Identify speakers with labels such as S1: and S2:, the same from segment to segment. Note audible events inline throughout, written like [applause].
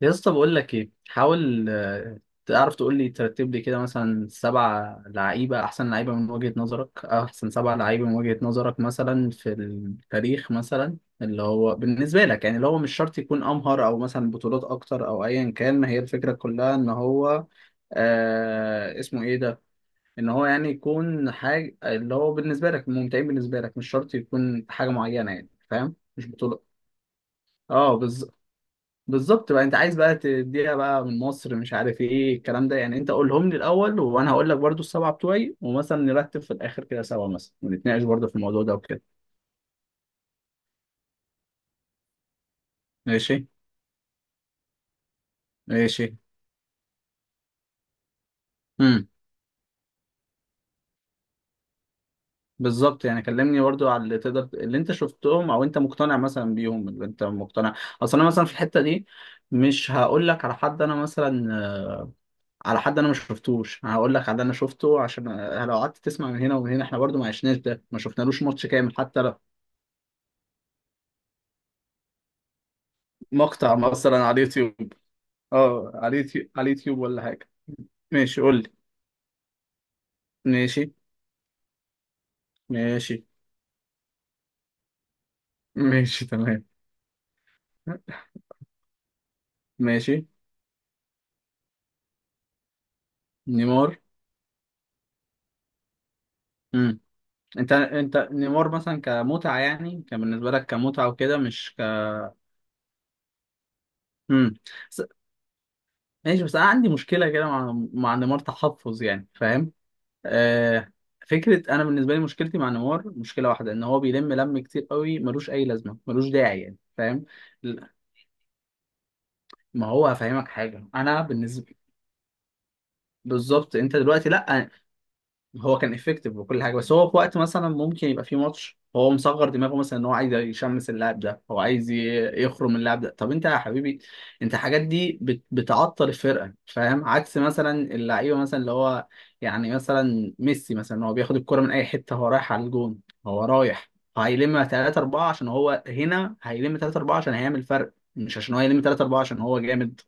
S1: يا اسطى بقول لك ايه، حاول تعرف تقول لي، ترتب لي كده مثلا سبع لعيبه، احسن لعيبه من وجهه نظرك، أو احسن سبع لعيبه من وجهه نظرك مثلا في التاريخ مثلا، اللي هو بالنسبه لك يعني، اللي هو مش شرط يكون امهر او مثلا بطولات اكتر او ايا كان، هي الفكره كلها ان هو اسمه ايه ده، ان هو يعني يكون حاجه اللي هو بالنسبه لك ممتعين، بالنسبه لك مش شرط يكون حاجه معينه يعني، فاهم؟ مش بطوله. اه، بالظبط. بقى انت عايز بقى تديها بقى من مصر، مش عارف ايه الكلام ده يعني، انت قولهم لي الاول وانا هقول لك برضو السبعه بتوعي، ومثلا نرتب في الاخر كده سوا مثلا، ونتناقش برضو في الموضوع ده وكده. ماشي. ماشي. امم بالظبط، يعني كلمني برضو على اللي تقدر، اللي انت شفتهم او انت مقتنع مثلا بيهم، اللي انت مقتنع. اصل انا مثلا في الحته دي مش هقول لك على حد انا مثلا على حد انا ما شفتوش، أنا هقول لك على اللي انا شفته، عشان لو قعدت تسمع من هنا ومن هنا، احنا برضو ما عشناش ده، ما شفنالوش ماتش كامل، حتى لو مقطع مثلا على اليوتيوب. اه، على اليوتيوب، على اليوتيوب ولا حاجة. ماشي، قول لي. ماشي. ماشي. ماشي تمام. ماشي. نيمار. امم انت نيمار مثلا كمتعة يعني، كان بالنسبة لك كمتعة وكده، مش ك. امم بس، ماشي، بس انا عندي مشكلة كده مع نيمار، تحفظ يعني، فاهم؟ آه... فكرة، انا بالنسبة لي مشكلتي مع نيمار مشكلة واحدة، ان هو بيلم لم كتير قوي، ملوش اي لازمة، ملوش داعي يعني، فاهم؟ ل- ما هو هفهمك حاجة، انا بالنسبة، بالظبط، انت دلوقتي، لا هو كان افكتيف وكل حاجه، بس هو في وقت مثلا ممكن يبقى في ماتش هو مصغر دماغه مثلا، ان هو عايز يشمس اللاعب ده، هو عايز يخرم اللاعب ده. طب انت يا حبيبي، انت الحاجات دي بتعطل الفرقه، فاهم؟ عكس مثلا اللعيبه مثلا اللي هو، يعني مثلا ميسي مثلا، هو بياخد الكرة من اي حته، هو رايح على الجون، هو رايح، هيلم 3 4 عشان هو هنا، هيلم 3 4 عشان هيعمل فرق، مش عشان هو يلم 3 4 عشان هو جامد.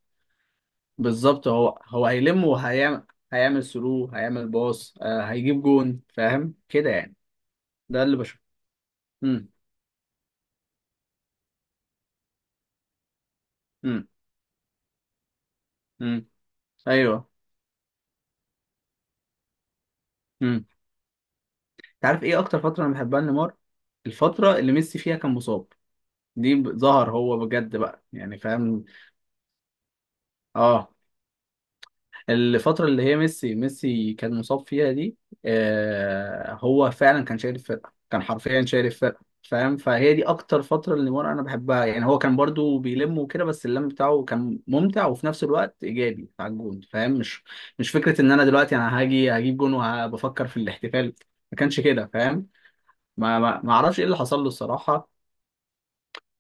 S1: بالظبط. هو هيلم وهيعمل، هيعمل ثرو، هيعمل باص، هيجيب جون، فاهم كده يعني؟ ده اللي بشوفه. امم امم امم ايوه. امم انت عارف ايه اكتر فتره انا بحبها لنيمار؟ الفتره اللي ميسي فيها كان مصاب، دي ظهر هو بجد بقى، يعني فاهم؟ اه، الفترة اللي هي ميسي كان مصاب فيها دي، هو فعلا كان شايل الفرقة، كان حرفيا شايل الفرقة، فاهم؟ فهي دي أكتر فترة اللي نيمار أنا بحبها يعني، هو كان برضو بيلم وكده، بس اللم بتاعه كان ممتع وفي نفس الوقت إيجابي على الجون، فاهم؟ مش، مش فكرة إن أنا دلوقتي أنا هاجي هجيب جون وبفكر في الاحتفال، ما كانش كده، فاهم؟ ما أعرفش إيه اللي حصل له الصراحة.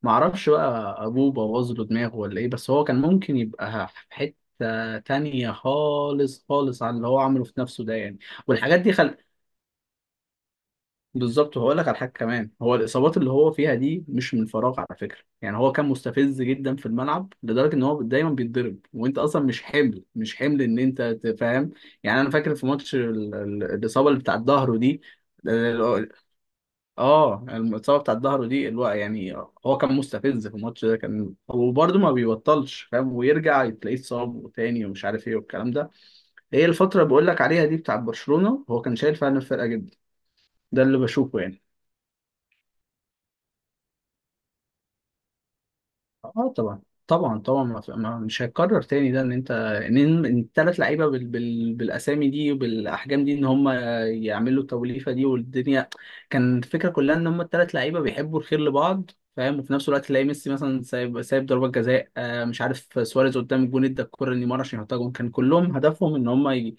S1: معرفش بقى، ابوه بوظ له دماغه ولا ايه؟ بس هو كان ممكن يبقى في حته تانية خالص، خالص عن اللي هو عمله في نفسه ده يعني، والحاجات دي بالظبط. وهقول لك على حاجه كمان، هو الاصابات اللي هو فيها دي مش من فراغ على فكره، يعني هو كان مستفز جدا في الملعب لدرجه ان هو دايما بيتضرب، وانت اصلا مش حمل، مش حمل ان انت تفهم، يعني انا فاكر في ماتش الاصابه اللي بتاع الظهر دي، آه، اه الاصابه بتاعت ظهره دي الوقت يعني، هو كان مستفز في الماتش ده كان، وبرده ما بيبطلش، فاهم؟ ويرجع تلاقيه اتصاب تاني، ومش عارف ايه والكلام ده. هي الفتره اللي بقول لك عليها دي بتاعت برشلونه، هو كان شايل فعلا الفرقه جدا، ده اللي بشوفه يعني. اه طبعا، طبعا ما في- ما- مش هيتكرر تاني ده، ان انت ان، إن التلات لعيبه بالاسامي دي وبالاحجام دي، ان هم يعملوا التوليفه دي والدنيا، كان الفكره كلها ان هم التلات لعيبه بيحبوا الخير لبعض، فاهم؟ وفي نفس الوقت تلاقي ميسي مثلا سايب، ضربات جزاء، مش عارف، سواريز قدام الجون ادى الكره لنيمار عشان يحطها جون، كان كلهم هدفهم ان هم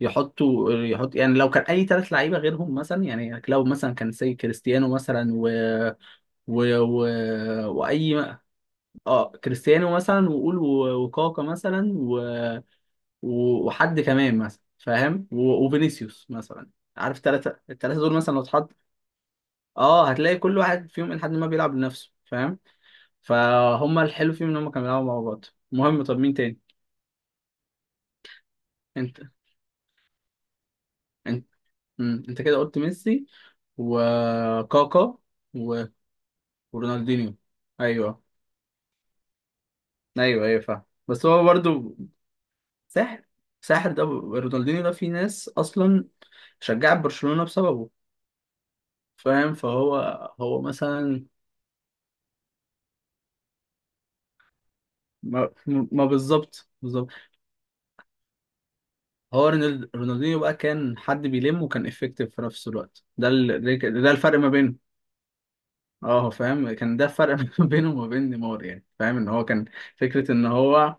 S1: يحطوا، يحط يعني، لو كان اي تلات لعيبه غيرهم مثلا، يعني لو مثلا كان، سي كريستيانو مثلا و... و... واي، اه كريستيانو مثلا، وقول وكاكا مثلا وحد كمان مثلا، فاهم؟ وفينيسيوس مثلا، عارف؟ الثلاثه دول مثلا لو اتحط، اه هتلاقي كل واحد فيهم لحد ما بيلعب لنفسه، فاهم؟ فهم الحلو فيهم ان هم كانوا بيلعبوا مع بعض. المهم، طب مين تاني؟ انت انت مم. انت كده قلت ميسي وكاكا و... ورونالدينيو. ايوه ايوه فاهم. بس هو برضه ساحر، ساحر ده، رونالدينيو ده في ناس اصلا شجعت برشلونة بسببه، فاهم؟ فهو، هو مثلا ما, ما بالظبط، بالظبط. هو رونالدينيو بقى كان حد بيلم وكان افكتيف في نفس الوقت، ده ده الفرق ما بينهم. اه فاهم، كان ده الفرق [laughs] ما بينه وما بين نيمار يعني، فاهم ان هو كان، فكرة ان هو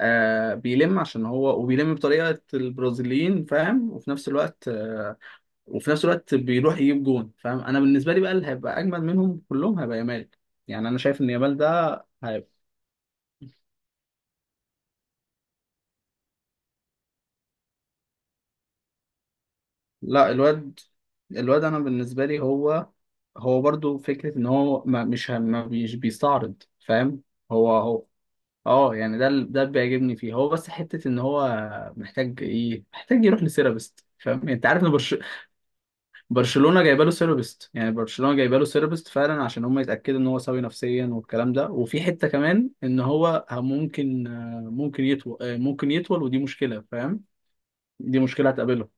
S1: بيلم عشان هو، وبيلم بطريقة البرازيليين، فاهم؟ وفي نفس الوقت بيروح يجيب جون، فاهم؟ انا بالنسبة لي بقى اللي هيبقى اجمل منهم كلهم هيبقى يامال، يعني انا شايف ان يامال ده، لا الواد، انا بالنسبه لي هو، برضو فكره ان هو ما مش ما مش بيستعرض، فاهم؟ هو اه يعني ده ده اللي بيعجبني فيه هو، بس حته ان هو محتاج ايه؟ محتاج يروح لسيرابيست، فاهم يعني؟ انت عارف ان برشلونه جايبه له سيرابيست، يعني برشلونه جايبه له سيرابيست فعلا عشان هم يتاكدوا ان هو سوي نفسيا والكلام ده، وفي حته كمان ان هو ممكن، ممكن يطول، ممكن يطول، ودي مشكله، فاهم؟ دي مشكله هتقابله،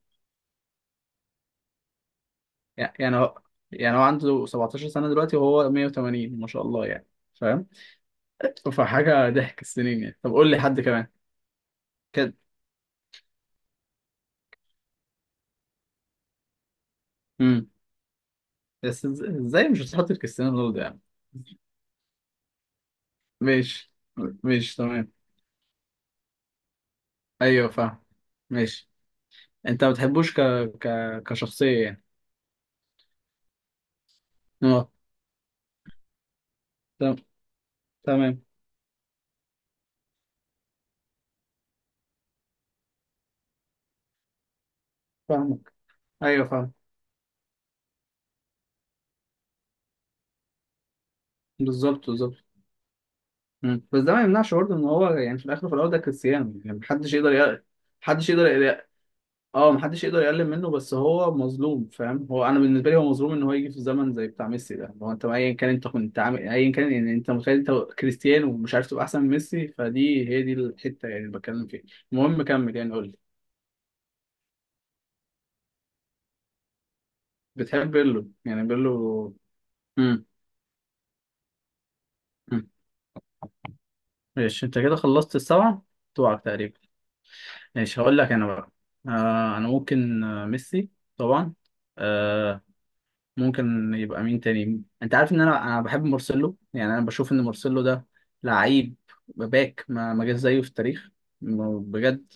S1: يعني هو، يعني هو عنده 17 سنة دلوقتي وهو 180 ما شاء الله يعني، فاهم؟ فحاجة ضحك السنين يعني. طب قول لي حد كمان. كده. امم بس ازاي مش هتحط في كريستيانو رونالدو يعني؟ ماشي. ماشي تمام. ايوه فاهم. ماشي، انت ما بتحبوش ك... كشخصية يعني؟ اه، تم- تمام. فاهمك. ايوه فاهم. بالظبط، بالظبط. بس ده ما يمنعش برضه ان هو يعني، في الاخر وفي الاول ده كريستيانو يعني، محدش يقدر محدش يقدر، اه محدش يقدر يقلل منه، بس هو مظلوم، فاهم؟ انا بالنسبه لي هو مظلوم ان هو يجي في زمن زي بتاع ميسي ده، هو انت ايا كان انت كنت عامل ايا كان يعني، انت متخيل انت كريستيانو ومش عارف تبقى احسن من ميسي؟ فدي هي دي الحته يعني اللي بتكلم فيها. المهم كمل يعني، قول لي. بتحب بيرلو يعني؟ بيرلو. امم أمم. ماشي، انت كده خلصت السبعه بتوعك تقريبا. ماشي، هقول لك انا بقى، انا ممكن ميسي طبعا. ممكن يبقى مين تاني؟ انت عارف ان انا بحب مارسيلو، يعني انا بشوف ان مارسيلو ده لعيب باك ما جاش زيه في التاريخ، بجد.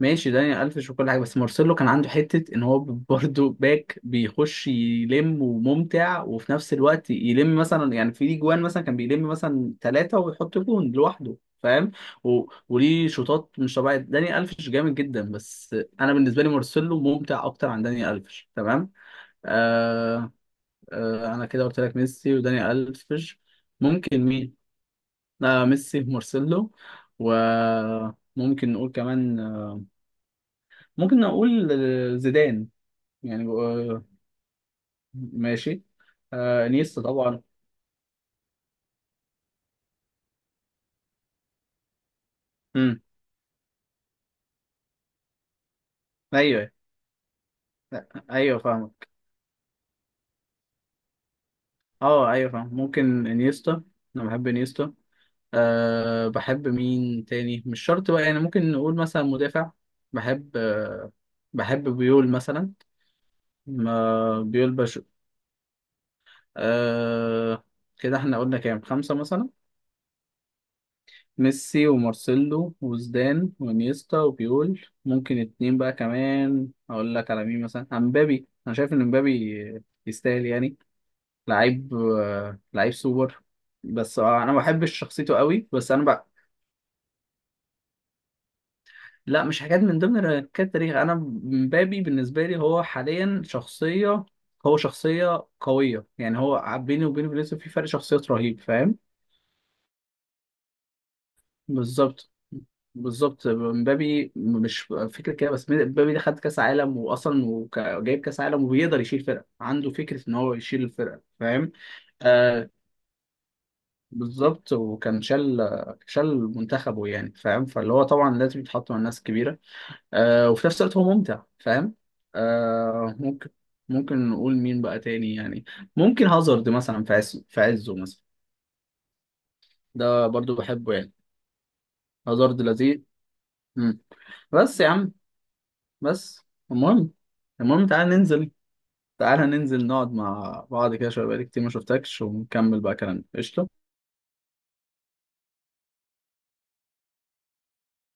S1: ماشي، داني الفيش وكل حاجه، بس مارسيلو كان عنده حته ان هو [laughs] برضه باك بيخش يلم وممتع وفي نفس الوقت يلم مثلا، يعني في ليه جوان مثلا كان بيلم مثلا ثلاثه ويحط جون لوحده، فاهم؟ وليه شوطات مش طبيعيه. داني الفيش جامد جدا، بس انا بالنسبه لي مارسيلو ممتع اكتر عن داني الفيش، تمام؟ آه، انا كده قلت لك ميسي وداني الفيش. ممكن مين؟ لا، ميسي مارسيلو. وممكن نقول كمان، ممكن نقول زيدان يعني، ماشي. انيستا طبعا. امم ايوه. لأ، ايوه فاهمك. اه ايوه فاهم. ممكن انيستا، انا بحب انيستا. أه، بحب مين تاني مش شرط بقى يعني؟ ممكن نقول مثلا مدافع. بحب أه، بحب بيول مثلا، ما بيول آه. كده احنا قلنا كام، خمسة مثلا: ميسي ومارسيلو وزدان وانيستا وبيول. ممكن اتنين بقى كمان، اقول لك على مين مثلا؟ عن مبابي، انا شايف ان مبابي يستاهل يعني، لعيب، لعيب سوبر، بس انا ما بحبش شخصيته قوي، بس انا بقى. لا، مش حاجات من ضمن الحاجات التاريخ انا، مبابي بالنسبة لي هو حاليا شخصية، هو شخصية قوية يعني، هو بيني وبين فينيسيوس في فرق شخصيات رهيب، فاهم؟ بالظبط، بالظبط، مبابي مش فكره كده، بس مبابي ده خد كاس عالم واصلا جايب كاس عالم، وبيقدر يشيل فرقه، عنده فكره ان هو يشيل الفرقه، فاهم؟ آه بالظبط، وكان شال، منتخبه يعني، فاهم؟ فاللي هو طبعا لازم يتحط مع الناس كبيره، وفي نفس الوقت هو ممتع، فاهم؟ ممكن، ممكن نقول مين بقى تاني يعني؟ ممكن هازارد مثلا، في عز، في عزه مثلا، ده برضو بحبه يعني، هازارد لذيذ. مم. بس يا عم، بس المهم، المهم تعالى ننزل، تعالى ننزل نقعد مع بعض كده شوية، بقالي كتير ما شفتكش، ونكمل بقى كلامنا. قشطة.